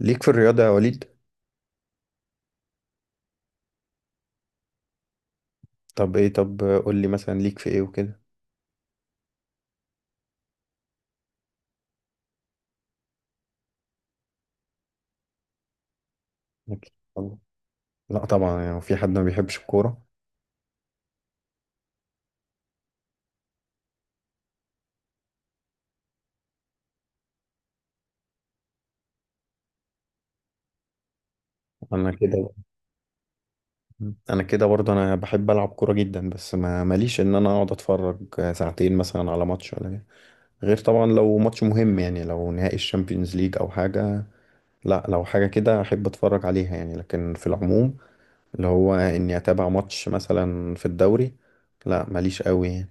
ليك في الرياضة يا وليد؟ طب قول لي مثلا ليك في ايه وكده. لك- طب- لا طبعا، يعني في حد ما بيحبش الكورة؟ انا كده انا كده برضه، انا بحب العب كورة جدا، بس ما ماليش ان انا اقعد اتفرج ساعتين مثلا على ماتش ولا كده. غير طبعا لو ماتش مهم، يعني لو نهائي الشامبيونز ليج او حاجة. لا لو حاجة كده احب اتفرج عليها يعني، لكن في العموم، اللي هو اني اتابع ماتش مثلا في الدوري، لا ماليش قوي يعني.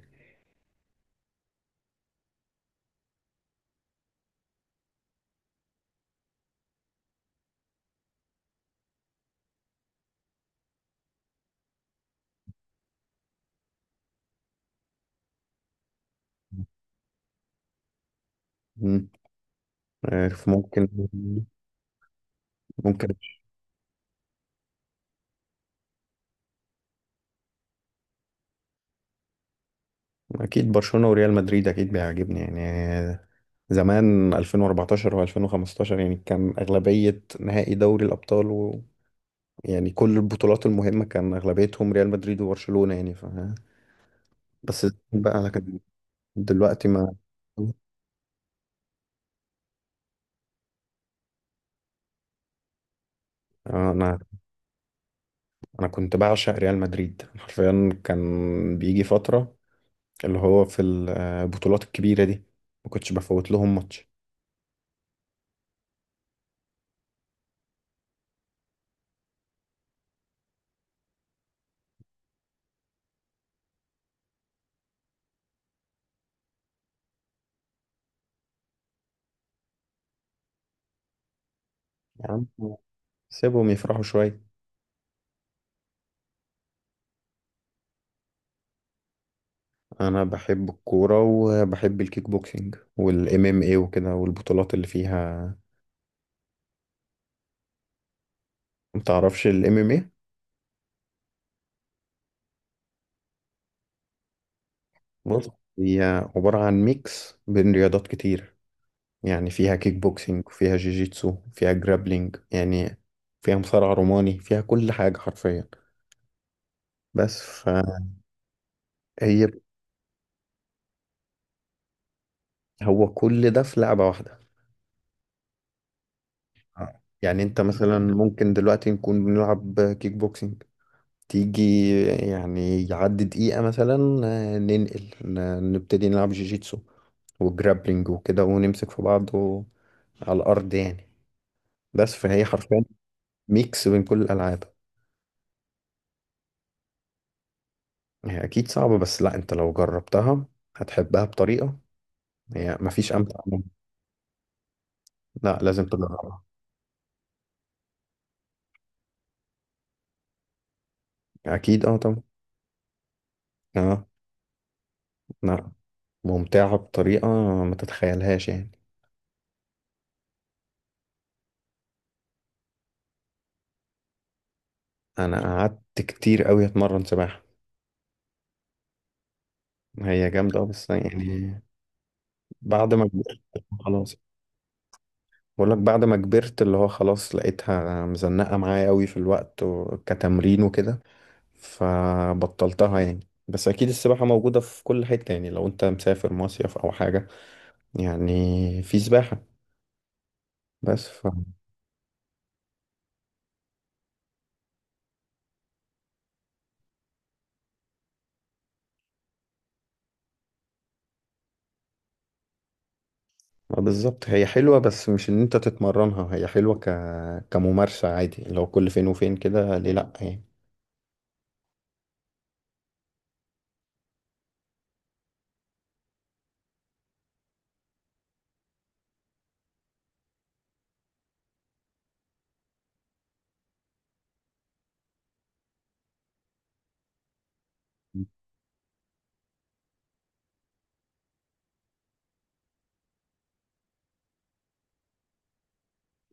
مم. عارف، ممكن. اكيد برشلونة وريال مدريد اكيد بيعجبني يعني. زمان 2014 و2015 يعني كان اغلبية نهائي دوري الابطال و، يعني كل البطولات المهمة كان اغلبيتهم ريال مدريد وبرشلونة يعني ف بس بقى لكن دلوقتي ما. آه، انا انا كنت بعشق ريال مدريد حرفيا، كان بيجي فترة اللي هو في البطولات الكبيرة دي ما كنتش بفوت لهم ماتش. يا عم سيبهم يفرحوا شوية. انا بحب الكوره، وبحب الكيك بوكسينج والام ام اي وكده، والبطولات اللي فيها. ما تعرفش الام ام اي؟ بص، هي عباره عن ميكس بين رياضات كتير. يعني فيها كيك بوكسينج، وفيها جيجيتسو، فيها جرابلينج يعني، فيها مصارع روماني، فيها كل حاجه حرفيا. بس فهي هو كل ده في لعبه واحده. آه. يعني انت مثلا ممكن دلوقتي نكون بنلعب كيك بوكسينج، تيجي يعني يعدي دقيقة مثلا، نبتدي نلعب جيجيتسو وجرابلينج وكده، ونمسك في بعض و على الأرض يعني. بس فهي حرفيا ميكس بين كل الألعاب. هي أكيد صعبة، بس لا أنت لو جربتها هتحبها بطريقة، هي مفيش أمتع منها. لا لازم تجربها. أكيد أه طبعا. أه. لا ممتعة بطريقة ما تتخيلهاش يعني. أنا قعدت كتير أوي أتمرن سباحة. هي جامدة أوي، بس يعني بعد ما كبرت خلاص. بقول لك بعد ما كبرت اللي هو خلاص لقيتها مزنقة معايا قوي في الوقت و كتمرين وكده، فبطلتها يعني. بس اكيد السباحة موجودة في كل حتة، يعني لو انت مسافر مصيف او حاجة يعني في سباحة. بس ف ما بالظبط، هي حلوة بس مش ان انت تتمرنها، هي حلوة ك كممارسة عادي، لو كل فين وفين كده ليه لأ يعني.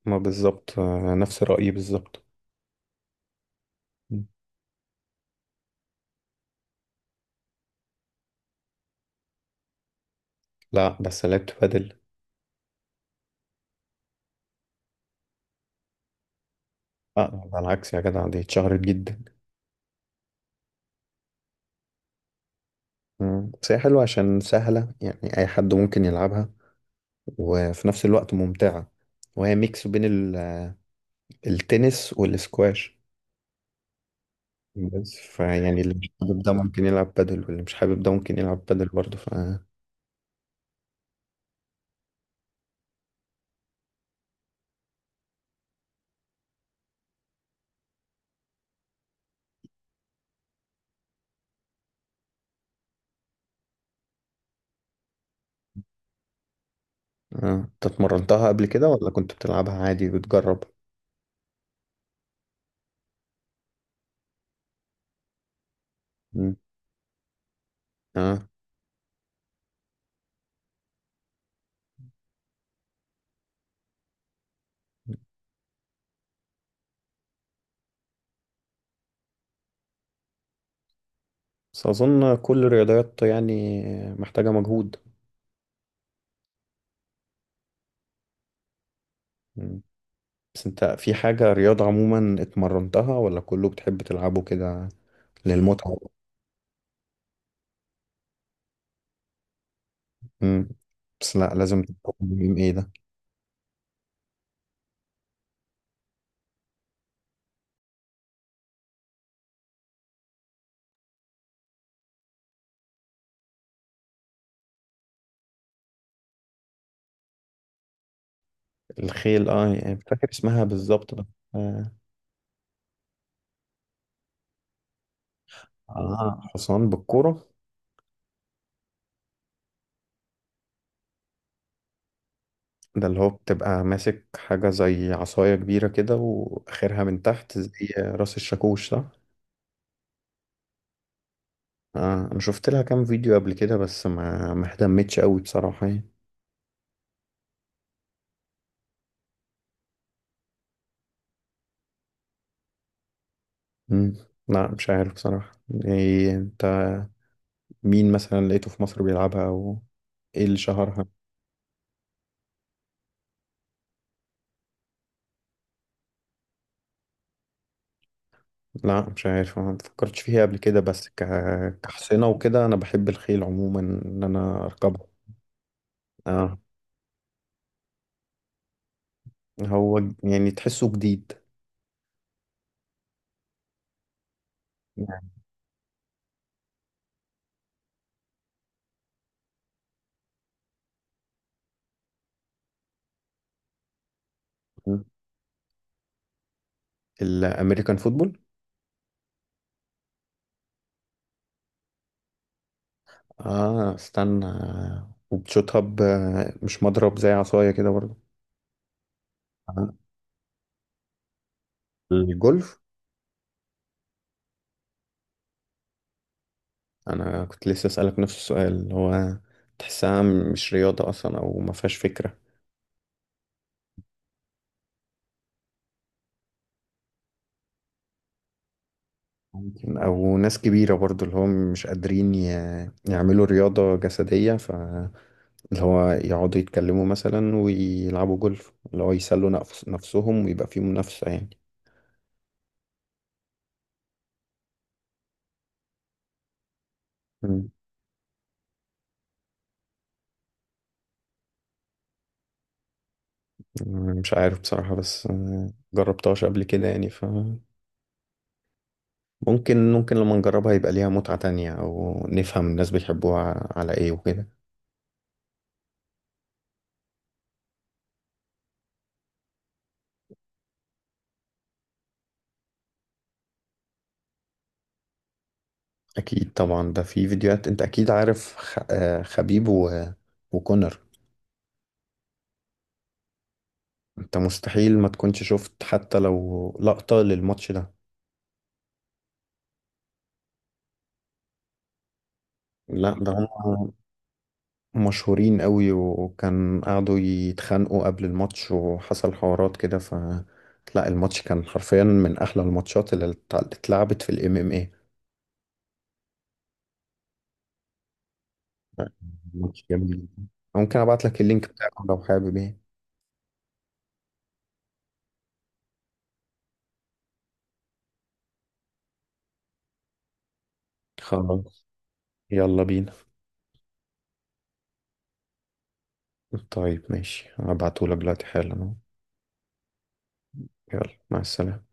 ما بالظبط، نفس رأيي بالظبط. لا بس لعبت بادل. لا على العكس يا جدع، دي اتشهرت جدا. مم. بس هي حلوة عشان سهلة، يعني أي حد ممكن يلعبها، وفي نفس الوقت ممتعة، وهي ميكس بين ال التنس والسكواش. بس فيعني اللي مش حابب ده ممكن يلعب بادل، واللي مش حابب ده ممكن يلعب بادل برضه ف اه. انت اتمرنتها قبل كده ولا كنت بتلعبها عادي بتجرب؟ مم. اه بس أظن كل الرياضات يعني محتاجة مجهود. مم. بس انت في حاجة رياضة عموما اتمرنتها، ولا كله بتحب تلعبه كده للمتعة؟ مم. بس لا لازم تفهم ايه ده. الخيل اه، يعني مش فاكر اسمها بالظبط بس. آه. آه، حصان بالكوره. ده اللي هو بتبقى ماسك حاجة زي عصاية كبيرة كده، وآخرها من تحت زي راس الشاكوش، صح؟ آه أنا شفت لها كام فيديو قبل كده، بس ما اهتمتش قوي بصراحة يعني. مم. لا مش عارف بصراحة إيه أنت، مين مثلا لقيته في مصر بيلعبها، أو إيه اللي شهرها؟ لا مش عارف، ما فكرتش فيها قبل كده، بس ك كحصينة وكده انا بحب الخيل عموما ان انا اركبه. اه هو ج يعني تحسه جديد. يعني الامريكان فوتبول. اه استنى، وبتشوطها ب مش مضرب زي عصاية كده برضه. آه. الجولف. انا كنت لسه اسالك نفس السؤال، اللي هو تحسها مش رياضة اصلا، او ما فيهاش فكرة. ممكن، او ناس كبيرة برضو اللي هم مش قادرين ي يعملوا رياضة جسدية، اللي هو يقعدوا يتكلموا مثلا ويلعبوا جولف، اللي هو يسلوا نفسهم، ويبقى فيه منافسة يعني. مم. مش عارف بصراحة، بس جربتهاش قبل كده يعني ف ممكن لما نجربها يبقى ليها متعة تانية، أو نفهم الناس بيحبوها على إيه وكده. أكيد طبعا، ده في فيديوهات، أنت أكيد عارف خ... آه، خبيب و وكونر. أنت مستحيل ما تكونش شفت حتى لو لقطة للماتش ده. لا ده هم مشهورين قوي، وكان قعدوا يتخانقوا قبل الماتش وحصل حوارات كده ف لا الماتش كان حرفيا من احلى الماتشات اللي اتلعبت في الام ام اي. ماتش جميل جدا. ممكن ابعت لك اللينك بتاعه لو حابب ايه. خلاص. يلا بينا. طيب ماشي، هبعته لك دلوقتي حالا أهو. يلا مع السلامة.